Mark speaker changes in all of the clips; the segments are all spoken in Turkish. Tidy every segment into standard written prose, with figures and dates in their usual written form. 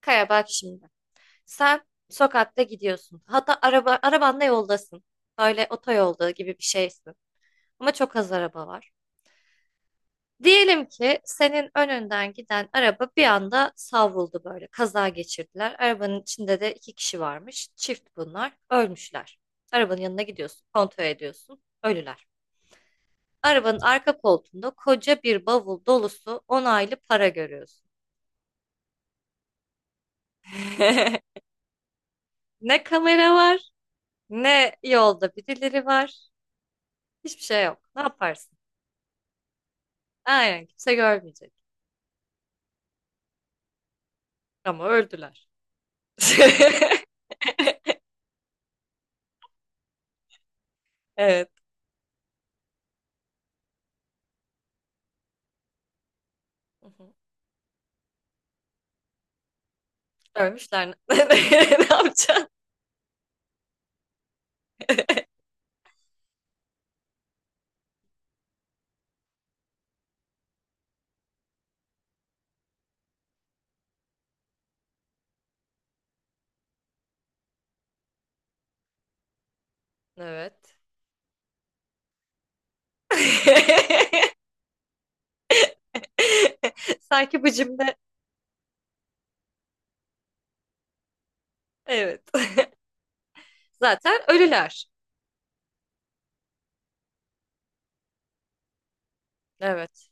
Speaker 1: Kaya bak şimdi. Sen sokakta gidiyorsun. Hatta arabanla yoldasın. Böyle otoyolda gibi bir şeysin. Ama çok az araba var. Diyelim ki senin önünden giden araba bir anda savruldu böyle. Kaza geçirdiler. Arabanın içinde de iki kişi varmış. Çift bunlar. Ölmüşler. Arabanın yanına gidiyorsun. Kontrol ediyorsun. Ölüler. Arabanın arka koltuğunda koca bir bavul dolusu onaylı para görüyorsun. Ne kamera var, ne yolda birileri var. Hiçbir şey yok. Ne yaparsın? Aynen kimse görmeyecek. Ama öldüler. Evet. Hı hı. Ölmüşler. Ne yapacaksın? Evet. Sanki bu cümle. Evet. Zaten ölüler. Evet.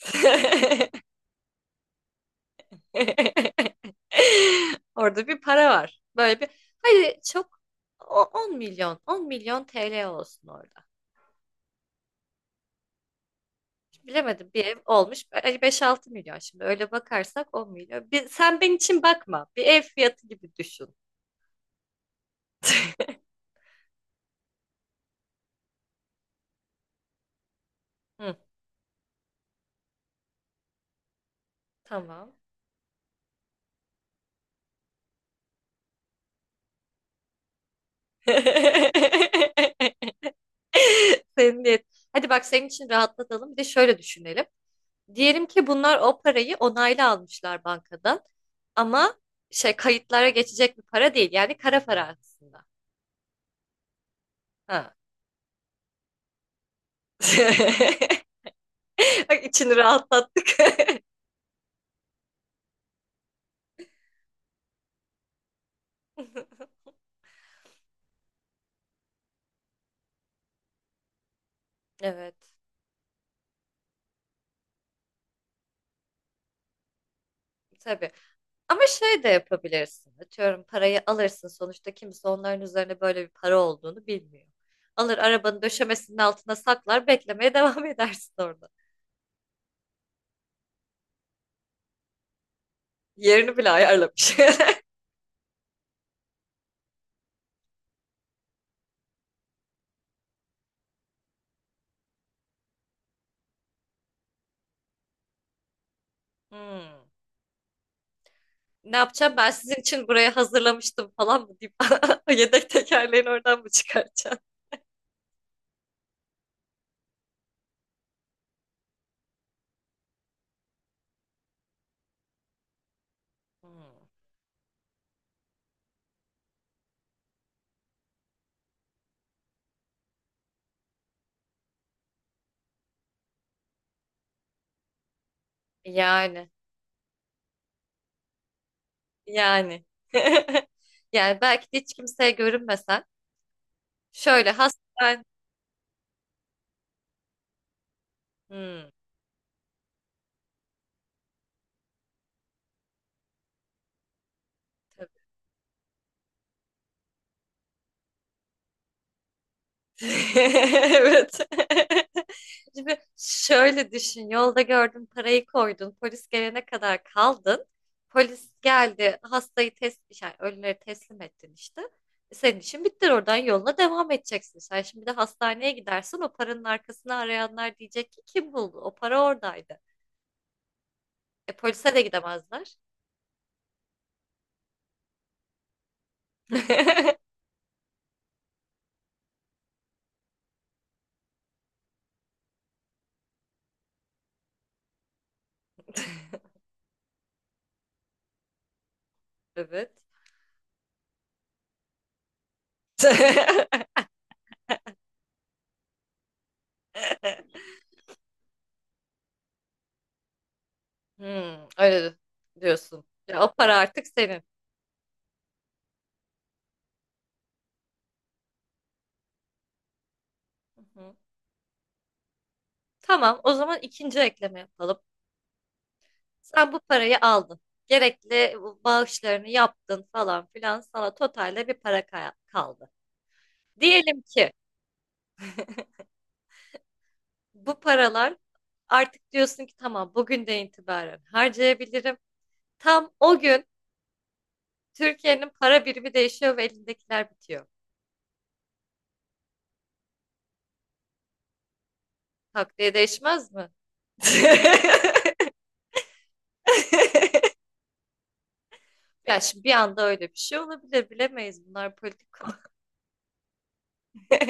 Speaker 1: Orada bir para var. Böyle bir hadi çok 10 milyon 10 milyon TL olsun orada. Bilemedim bir ev olmuş. Hani 5-6 milyon, şimdi öyle bakarsak 10 milyon. Bir, sen benim için bakma. Bir ev fiyatı gibi düşün. Hı, tamam. Senin niyet. Hadi bak senin için rahatlatalım. Bir de şöyle düşünelim. Diyelim ki bunlar o parayı onaylı almışlar bankadan. Ama şey, kayıtlara geçecek bir para değil. Yani kara para aslında. Ha. Bak içini rahatlattık. Evet. Tabii. Ama şey de yapabilirsin. Atıyorum parayı alırsın. Sonuçta kimse onların üzerine böyle bir para olduğunu bilmiyor. Alır arabanın döşemesinin altına saklar, beklemeye devam edersin orada. Yerini bile ayarlamış. Hmm. Ne yapacağım, ben sizin için buraya hazırlamıştım falan mı deyip yedek tekerleğini oradan mı çıkartacağım? Hmm. Yani, yani. Yani belki de hiç kimseye görünmesen şöyle hastane... Hmm. Evet. Şimdi şöyle düşün. Yolda gördün, parayı koydun. Polis gelene kadar kaldın. Polis geldi, hastayı test, yani ölüleri teslim ettin işte. E, senin işin bitti. Oradan yoluna devam edeceksin. Sen şimdi de hastaneye gidersin. O paranın arkasını arayanlar diyecek ki kim buldu? O para oradaydı. E, polise de gidemezler. Evet. Hmm, öyle diyorsun. Ya, o para artık senin. Hı hı. Tamam, o zaman ikinci ekleme yapalım. Sen bu parayı aldın. Gerekli bağışlarını yaptın falan filan. Sana totalde bir para kaldı. Diyelim ki bu paralar, artık diyorsun ki tamam, bugünden itibaren harcayabilirim. Tam o gün Türkiye'nin para birimi değişiyor ve elindekiler bitiyor. Takviye değişmez mi? Ya şimdi bir anda öyle bir şey olabilir, bilemeyiz, bunlar politik.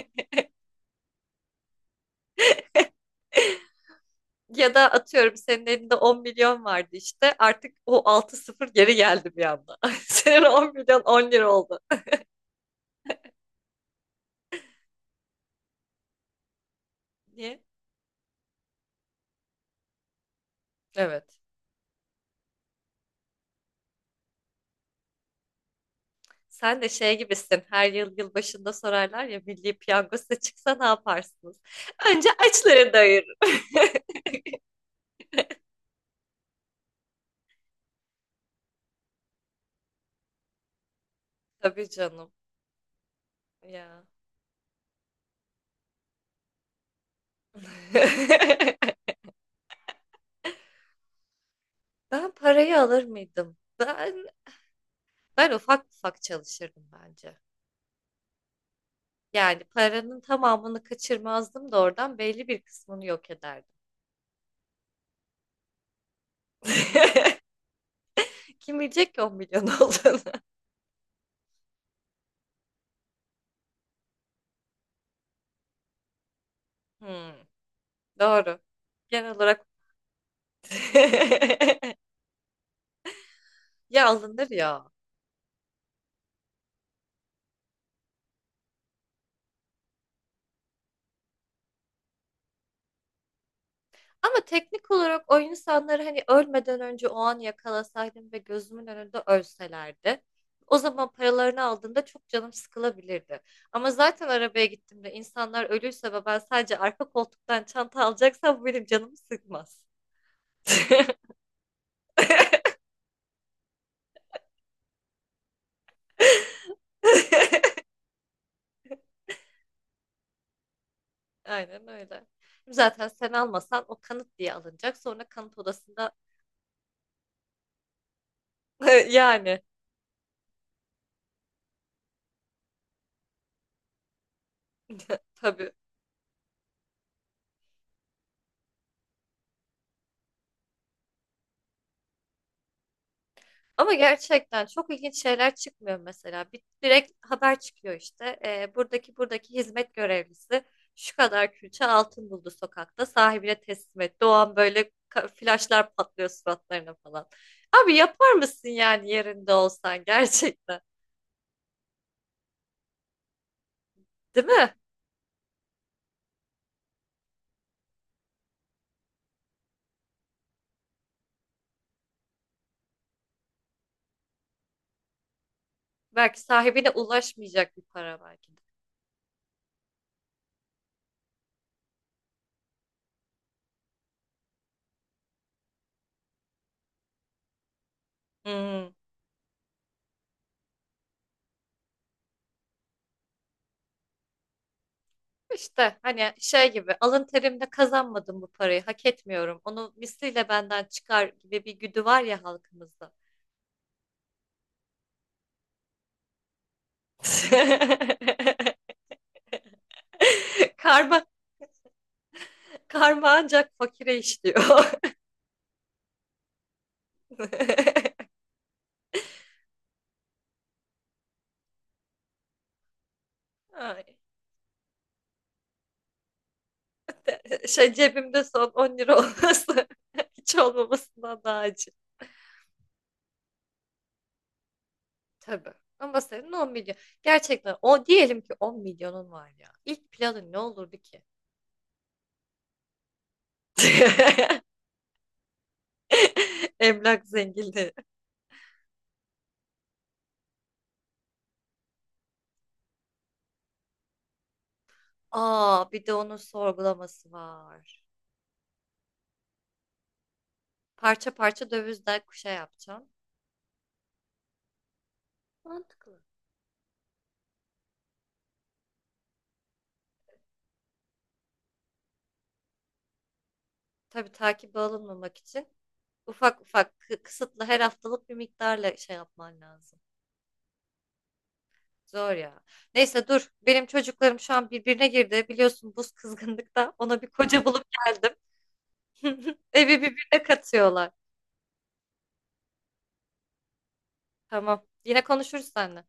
Speaker 1: Ya da atıyorum senin elinde 10 milyon vardı işte. Artık o 6 sıfır geri geldi bir anda. Senin 10 milyon 10 lira oldu. Niye? Evet. Sen de şey gibisin. Her yıl yılbaşında sorarlar ya, milli piyango size çıksa ne yaparsınız? Önce açları doyurur. Tabii canım. Ya. Ben parayı alır mıydım? Ben ufak ufak çalışırdım bence. Yani paranın tamamını kaçırmazdım da oradan belli bir kısmını yok ederdim. Kim bilecek ki 10 milyon olduğunu? Hmm, doğru. Genel olarak ya alınır ya. Ama teknik olarak, o insanları hani ölmeden önce o an yakalasaydım ve gözümün önünde ölselerdi. O zaman paralarını aldığımda çok canım sıkılabilirdi. Ama zaten arabaya gittiğimde insanlar ölüyse ve ben sadece arka koltuktan çanta alacaksam, bu benim canımı sıkmaz. Aynen öyle. Zaten sen almasan o kanıt diye alınacak. Sonra kanıt odasında. Yani tabii. Ama gerçekten çok ilginç şeyler çıkmıyor mesela. Bir, direkt haber çıkıyor işte. Buradaki hizmet görevlisi şu kadar külçe altın buldu sokakta. Sahibine teslim et. Doğan böyle flaşlar patlıyor suratlarına falan. Abi, yapar mısın yani yerinde olsan, gerçekten? Değil mi? Belki sahibine ulaşmayacak bir para belki de. Hmm. İşte hani şey gibi, alın terimle kazanmadım bu parayı, hak etmiyorum, onu misliyle benden çıkar gibi bir güdü var ya halkımızda. Karma, karma ancak fakire işliyor. Ay, şey, cebimde son 10 lira olması hiç olmamasından daha acı. Tabii. Ama senin 10 milyon. Gerçekten o, diyelim ki 10 milyonun var ya. İlk planın ne olurdu ki? Emlak zenginliği. Aa, bir de onun sorgulaması var. Parça parça dövizden kuşa yapacağım. Mantıklı. Tabii takibe alınmamak için ufak ufak kısıtlı, her haftalık bir miktarla şey yapman lazım. Zor ya. Neyse, dur. Benim çocuklarım şu an birbirine girdi. Biliyorsun buz kızgınlıkta. Ona bir koca bulup geldim. Evi birbirine katıyorlar. Tamam. Yine konuşuruz seninle.